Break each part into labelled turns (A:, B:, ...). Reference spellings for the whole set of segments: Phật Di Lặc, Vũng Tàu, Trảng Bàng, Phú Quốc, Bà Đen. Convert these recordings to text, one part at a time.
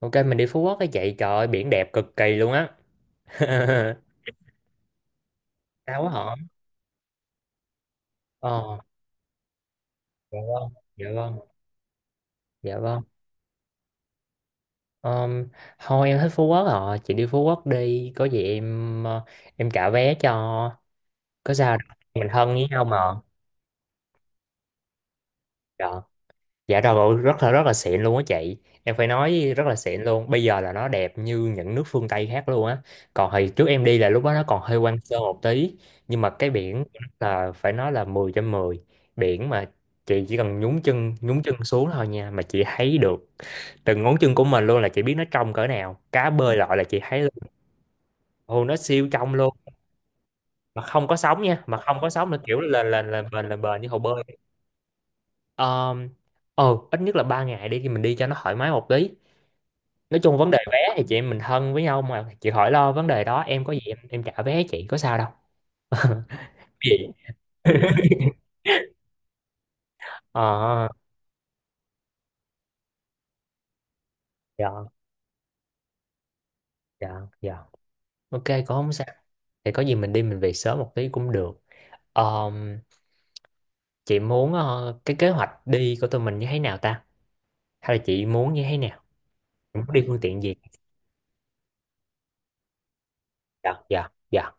A: Ok, mình đi Phú Quốc cái chị. Trời ơi, biển đẹp cực kỳ luôn á. Sao quá họ. Ờ. Dạ vâng. Dạ vâng. Dạ vâng. Ờm, Thôi em thích Phú Quốc rồi. Chị đi Phú Quốc đi. Có gì em em trả vé cho. Có sao đâu, mình thân với nhau mà. Dạ. Dạ rồi, rất là xịn luôn á chị. Em phải nói rất là xịn luôn. Bây giờ là nó đẹp như những nước phương Tây khác luôn á. Còn hồi trước em đi là lúc đó nó còn hơi hoang sơ một tí, nhưng mà cái biển là phải nói là 10/10. Biển mà chị chỉ cần nhúng chân xuống thôi nha, mà chị thấy được từng ngón chân của mình luôn, là chị biết nó trong cỡ nào. Cá bơi lội là chị thấy luôn. Hồ nó siêu trong luôn, mà không có sóng nha, mà không có sóng là kiểu là bền như hồ bơi. Ờ, ờ ít nhất là 3 ngày đi thì mình đi cho nó thoải mái một tí, nói chung vấn đề vé thì chị em mình thân với nhau mà, chị khỏi lo vấn đề đó, em có gì em trả vé, chị có sao đâu. Gì? Ờ. Dạ dạ dạ. Ok, cũng không sao. Thì có gì mình đi mình về sớm một tí cũng được. Ờm, chị muốn cái kế hoạch đi của tụi mình như thế nào ta? Hay là chị muốn như thế nào? Chị muốn đi phương tiện gì? Dạ dạ dạ.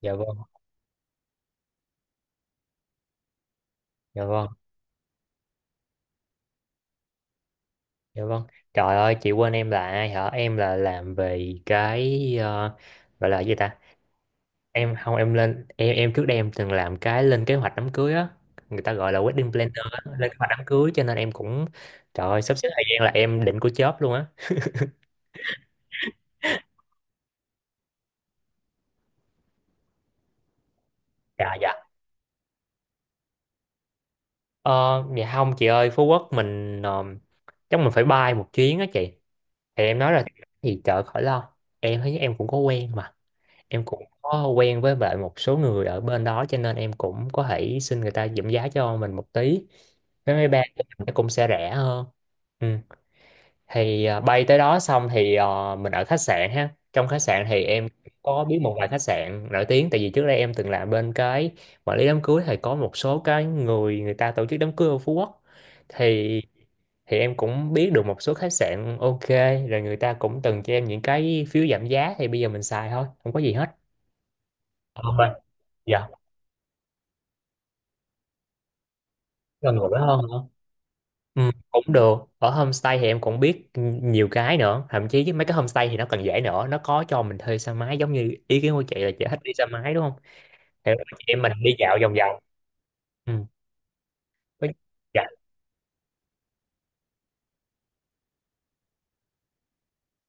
A: Dạ vâng. Dạ vâng. Dạ vâng. Trời ơi chị quên em là, hả, em là làm về gọi là gì ta? Em không, em lên em trước đây em từng làm cái lên kế hoạch đám cưới á, người ta gọi là wedding planner á, lên kế hoạch đám cưới, cho nên em cũng, trời ơi, sắp xếp thời gian là em định của chớp luôn á. Dạ dạ. Ờ. Dạ không chị ơi, Phú Quốc mình chắc mình phải bay một chuyến á chị, thì em nói là gì, trời khỏi lo, em thấy em cũng có quen mà, em cũng có quen với lại một số người ở bên đó cho nên em cũng có thể xin người ta giảm giá cho mình một tí, vé máy bay của mình nó cũng sẽ rẻ hơn. Ừ. Thì bay tới đó xong thì mình ở khách sạn ha. Trong khách sạn thì em có biết một vài khách sạn nổi tiếng, tại vì trước đây em từng làm bên cái quản lý đám cưới, thì có một số cái người người ta tổ chức đám cưới ở Phú Quốc thì thì em cũng biết được một số khách sạn ok, rồi người ta cũng từng cho em những cái phiếu giảm giá, thì bây giờ mình xài thôi, không có gì hết. Không ạ. Dạ. Gần gũi hơn. Ừ, cũng được, ở homestay thì em cũng biết nhiều cái nữa, thậm chí với mấy cái homestay thì nó còn dễ nữa, nó có cho mình thuê xe máy giống như ý kiến của chị là chị thích đi xe máy đúng không. Thì chị em mình đi dạo vòng vòng. Ừ. có- dạ.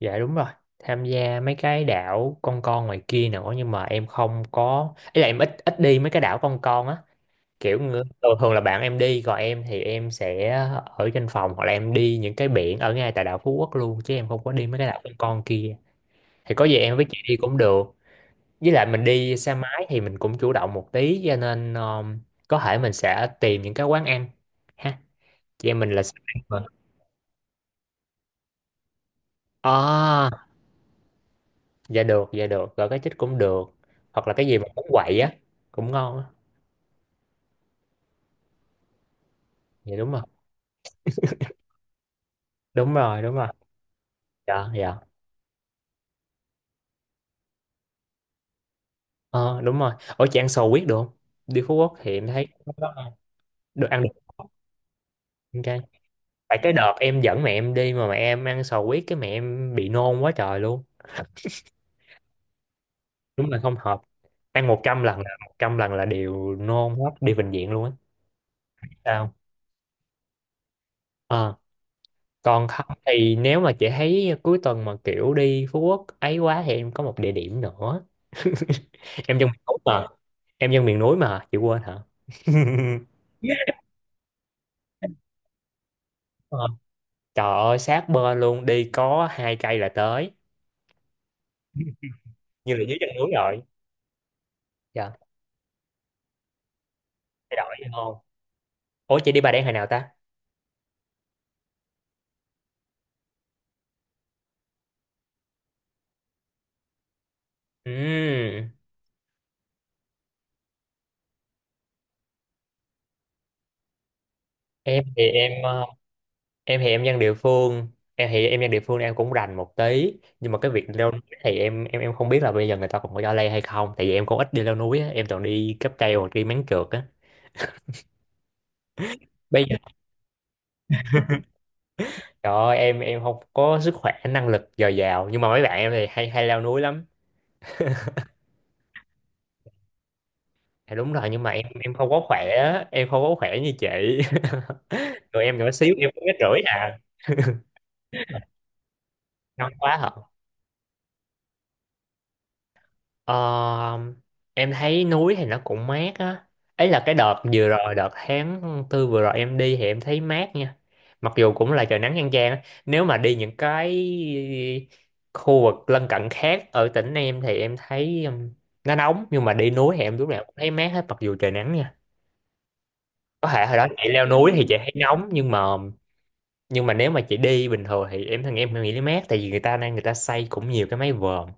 A: Dạ đúng rồi, tham gia mấy cái đảo con ngoài kia nữa, nhưng mà em không có ý là em ít ít đi mấy cái đảo con á, kiểu thường thường là bạn em đi, còn em thì em sẽ ở trên phòng hoặc là em đi những cái biển ở ngay tại đảo Phú Quốc luôn, chứ em không có đi mấy cái đảo con kia. Thì có gì em với chị đi cũng được. Với lại mình đi xe máy thì mình cũng chủ động một tí cho nên có thể mình sẽ tìm những cái quán ăn ha, chị em mình là sẽ ăn mà. À. Dạ được, dạ được, gọi cái chích cũng được, hoặc là cái gì mà bánh quậy á cũng ngon á. Dạ đúng rồi đúng rồi. Dạ dạ. Ờ đúng rồi, ở chị ăn sò huyết được không? Đi Phú Quốc thì em thấy được, ăn được. Ok. Tại cái đợt em dẫn mẹ em đi mà mẹ em ăn sò huyết cái mẹ em bị nôn quá trời luôn. Đúng là không hợp, ăn 100 lần là 100 lần là đều nôn hết, đi bệnh viện luôn á. Sao? Ờ, còn không thì nếu mà chị thấy cuối tuần mà kiểu đi Phú Quốc ấy quá thì em có một địa điểm nữa. Em dân miền núi mà. Em dân miền núi mà chị quên hả? Ờ, trời ơi sát bên luôn, đi có 2 cây là tới, như là dưới chân núi rồi. Dạ. Thay đổi gì không. Ủa chị đi Bà Đen hồi nào ta? Ừm. em thì em ờ, em thì em dân địa phương Em thì em dân địa phương, em cũng rành một tí, nhưng mà cái việc leo núi thì em không biết là bây giờ người ta còn có cho leo hay không, tại vì em cũng ít đi leo núi á, em toàn đi cáp treo hoặc đi máng trượt á. Bây giờ trời ơi, em không có sức khỏe năng lực dồi dào, nhưng mà mấy bạn em thì hay hay leo núi lắm. Dạ đúng rồi, nhưng mà em không có khỏe á, em không có khỏe như chị. Rồi em nhỏ xíu, em cũng mét rưỡi à. Ngon quá hả. Ờ, em thấy núi thì nó cũng mát á. Ấy là cái đợt vừa rồi, đợt tháng 4 vừa rồi em đi thì em thấy mát nha. Mặc dù cũng là trời nắng chang chang á. Nếu mà đi những cái khu vực lân cận khác ở tỉnh em thì em thấy nó nóng. Nhưng mà đi núi thì em lúc nào cũng thấy mát hết mặc dù trời nắng nha. Có thể hồi đó chị leo núi thì chị thấy nóng nhưng mà, nhưng mà nếu mà chị đi bình thường thì em thằng em nghĩ nó mát, tại vì người ta xây cũng nhiều cái mái vòm,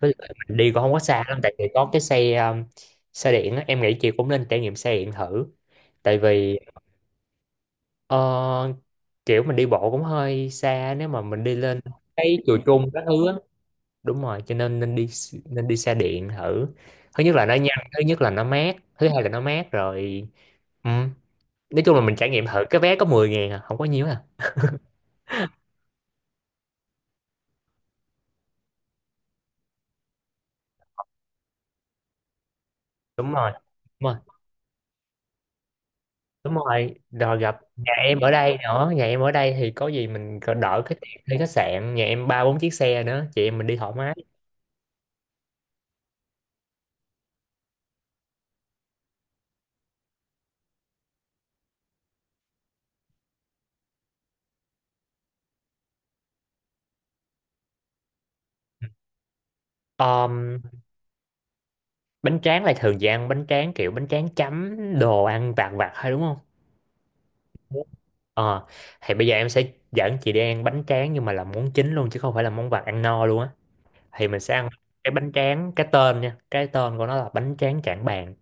A: với lại mình đi cũng không có xa lắm tại vì có cái xe xe điện á, em nghĩ chị cũng nên trải nghiệm xe điện thử, tại vì ờ, kiểu mình đi bộ cũng hơi xa nếu mà mình đi lên cái chùa Trung các thứ á. Đúng rồi, cho nên nên đi xe điện thử, thứ nhất là nó nhanh, thứ hai là nó mát rồi. Ừ. Nói chung là mình trải nghiệm thử, cái vé có 10.000 à, không có nhiều à. Đúng rồi. Đúng rồi đúng rồi rồi, gặp nhà em ở đây nữa, nhà em ở đây thì có gì mình còn đỡ cái tiền thuê khách sạn, nhà em ba bốn chiếc xe nữa chị em mình đi thoải mái. Ờm, Bánh tráng là thường chị ăn bánh tráng kiểu bánh tráng chấm đồ ăn vặt vặt hay đúng không. Ờ, thì bây giờ em sẽ dẫn chị đi ăn bánh tráng nhưng mà là món chính luôn chứ không phải là món vặt, ăn no luôn á. Thì mình sẽ ăn cái bánh tráng, cái tên nha, cái tên của nó là bánh tráng Trảng Bàng,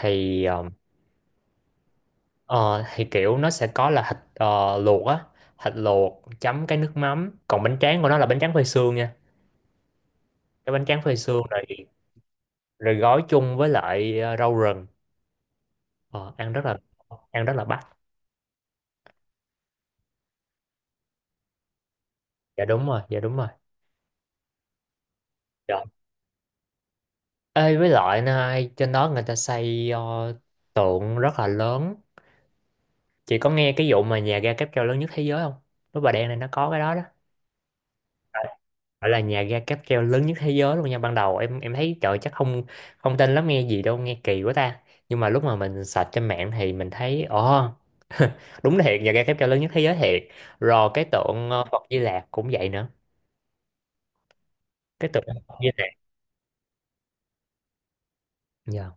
A: thì ờ, thì kiểu nó sẽ có là thịt luộc á, thịt luộc chấm cái nước mắm, còn bánh tráng của nó là bánh tráng phơi sương nha, cái bánh tráng phơi sương này, rồi gói chung với lại rau rừng, ờ, ăn rất là bắt. Dạ đúng rồi, dạ đúng rồi. Dạ. Ê, với lại này, trên đó người ta xây tượng rất là lớn. Chị có nghe cái vụ mà nhà ga cáp treo lớn nhất thế giới không? Với Bà Đen này nó có cái đó đó. Phải là nhà ga cáp treo lớn nhất thế giới luôn nha. Ban đầu em thấy trời chắc không, không tin lắm, nghe gì đâu, nghe kỳ quá ta. Nhưng mà lúc mà mình search trên mạng thì mình thấy ồ, đúng thiệt, nhà ga cáp treo lớn nhất thế giới thiệt. Rồi cái tượng Phật Di Lặc cũng vậy nữa. Cái tượng Phật Di Lặc. Dạ.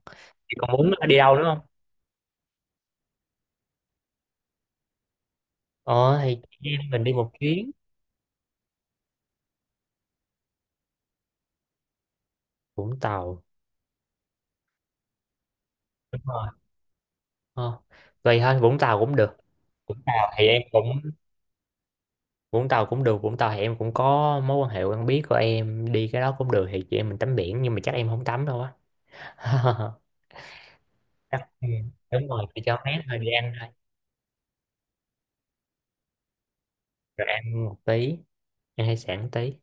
A: Chị còn muốn đi đâu nữa không? Ờ thì chị em mình đi một chuyến. Vũng Tàu. Đúng rồi. Ờ. Vậy thôi Vũng Tàu cũng được. Vũng Tàu thì em cũng Vũng Tàu cũng được. Vũng Tàu thì em cũng có mối quan hệ quen biết của em, đi cái đó cũng được, thì chị em mình tắm biển, nhưng mà chắc em không tắm đâu á. Ừ, đúng rồi, thì cho mát thôi, đi ăn thôi, rồi ăn một tí, ăn hải sản một tí.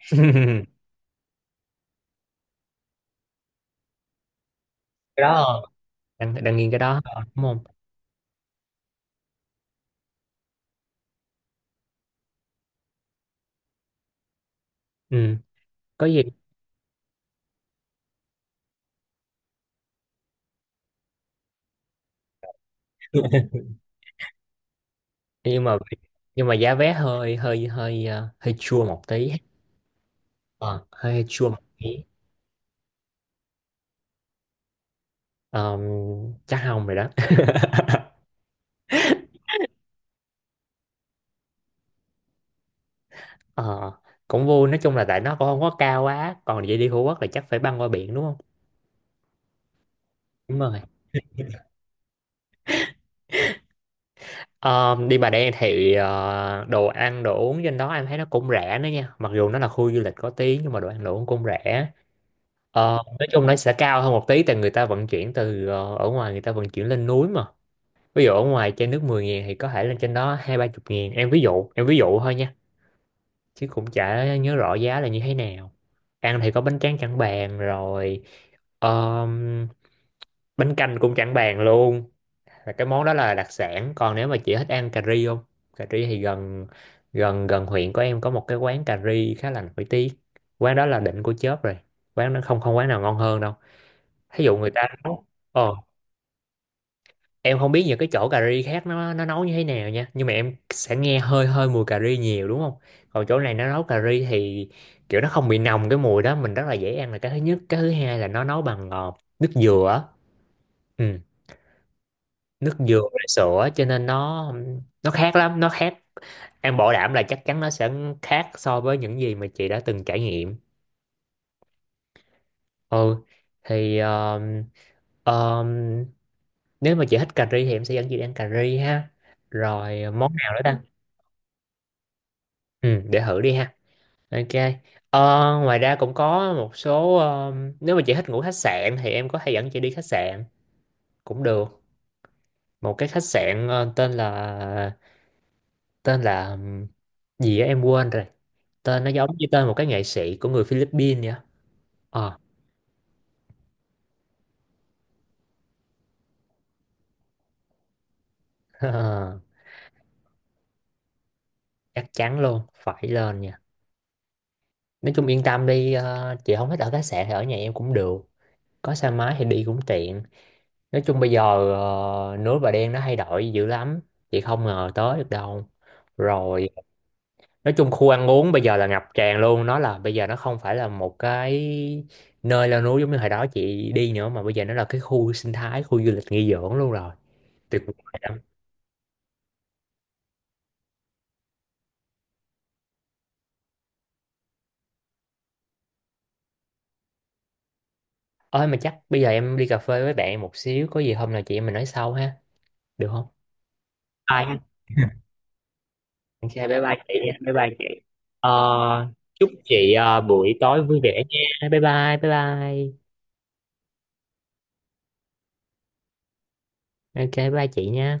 A: Cái đó đang nghiêng cái đó thôi, đúng không? Ừ, có gì. nhưng mà nhưng mà giá vé hơi hơi hơi ờ, hơi chua một tí. Ờ, hơi chua một tí. Ờm, Chắc không rồi đó. Ờ, cũng vui, nói chung là tại nó cũng không có cao quá, còn vậy đi Phú Quốc là chắc phải băng qua biển, đúng không? Đúng rồi. Ờ, đi Bà Đen thì đồ ăn đồ uống trên đó em thấy nó cũng rẻ nữa nha, mặc dù nó là khu du lịch có tí nhưng mà đồ ăn đồ uống cũng rẻ. Ờ, nói chung nó sẽ cao hơn một tí, tại người ta vận chuyển từ ở ngoài, người ta vận chuyển lên núi mà. Ví dụ ở ngoài trên nước 10 ngàn thì có thể lên trên đó hai ba chục ngàn. Em ví dụ, em ví dụ thôi nha, chứ cũng chả nhớ rõ giá là như thế nào. Ăn thì có bánh tráng chẳng bàn rồi. Ờ, bánh canh cũng chẳng bàn luôn, là cái món đó là đặc sản. Còn nếu mà chị thích ăn cà ri không? Cà ri thì gần gần gần huyện của em có một cái quán cà ri khá là nổi tiếng. Quán đó là đỉnh của chớp rồi, quán nó không không quán nào ngon hơn đâu. Thí dụ người ta nấu ờ, em không biết những cái chỗ cà ri khác nó nấu như thế nào nha, nhưng mà em sẽ nghe hơi hơi mùi cà ri nhiều, đúng không? Còn chỗ này nó nấu cà ri thì kiểu nó không bị nồng cái mùi đó, mình rất là dễ ăn là cái thứ nhất, cái thứ hai là nó nấu bằng nước dừa á. Ừ, nước dừa với sữa cho nên nó khác lắm, nó khác. Em bảo đảm là chắc chắn nó sẽ khác so với những gì mà chị đã từng trải nghiệm. Ừ, thì um, nếu mà chị thích cà ri thì em sẽ dẫn chị đi ăn cà ri ha. Rồi ờ, món nào nữa ta? Ừ, để thử đi ha. Ok. Ờ, ngoài ra cũng có một số nếu mà chị thích ngủ khách sạn thì em có thể dẫn chị đi khách sạn cũng được. Một cái khách sạn ờ, tên là gì á em quên rồi. Tên nó giống như tên một cái nghệ sĩ của người Philippines vậy á. Ờ. Chắc chắn luôn, phải lên nha. Nói chung yên tâm đi, ờ, chị không thích ở khách sạn thì ở nhà em cũng được, có xe máy thì đi cũng tiện. Nói chung bây giờ ờ, núi Bà Đen nó thay đổi dữ lắm, chị không ngờ tới được đâu. Rồi, nói chung khu ăn uống bây giờ là ngập tràn luôn, nó là bây giờ nó không phải là một cái nơi leo núi giống như hồi đó chị đi nữa, mà bây giờ nó là cái khu sinh thái, khu du lịch nghỉ dưỡng luôn rồi, tuyệt vời lắm. Ơi mà chắc bây giờ em đi cà phê với bạn một xíu, có gì hôm nào chị em mình nói sau ha, được không? Bye. Ok, bye bye chị nha, bye bye chị. Ờ, chúc chị ờ, buổi tối vui vẻ nha. Bye bye, bye bye. Ok, bye bye chị nha.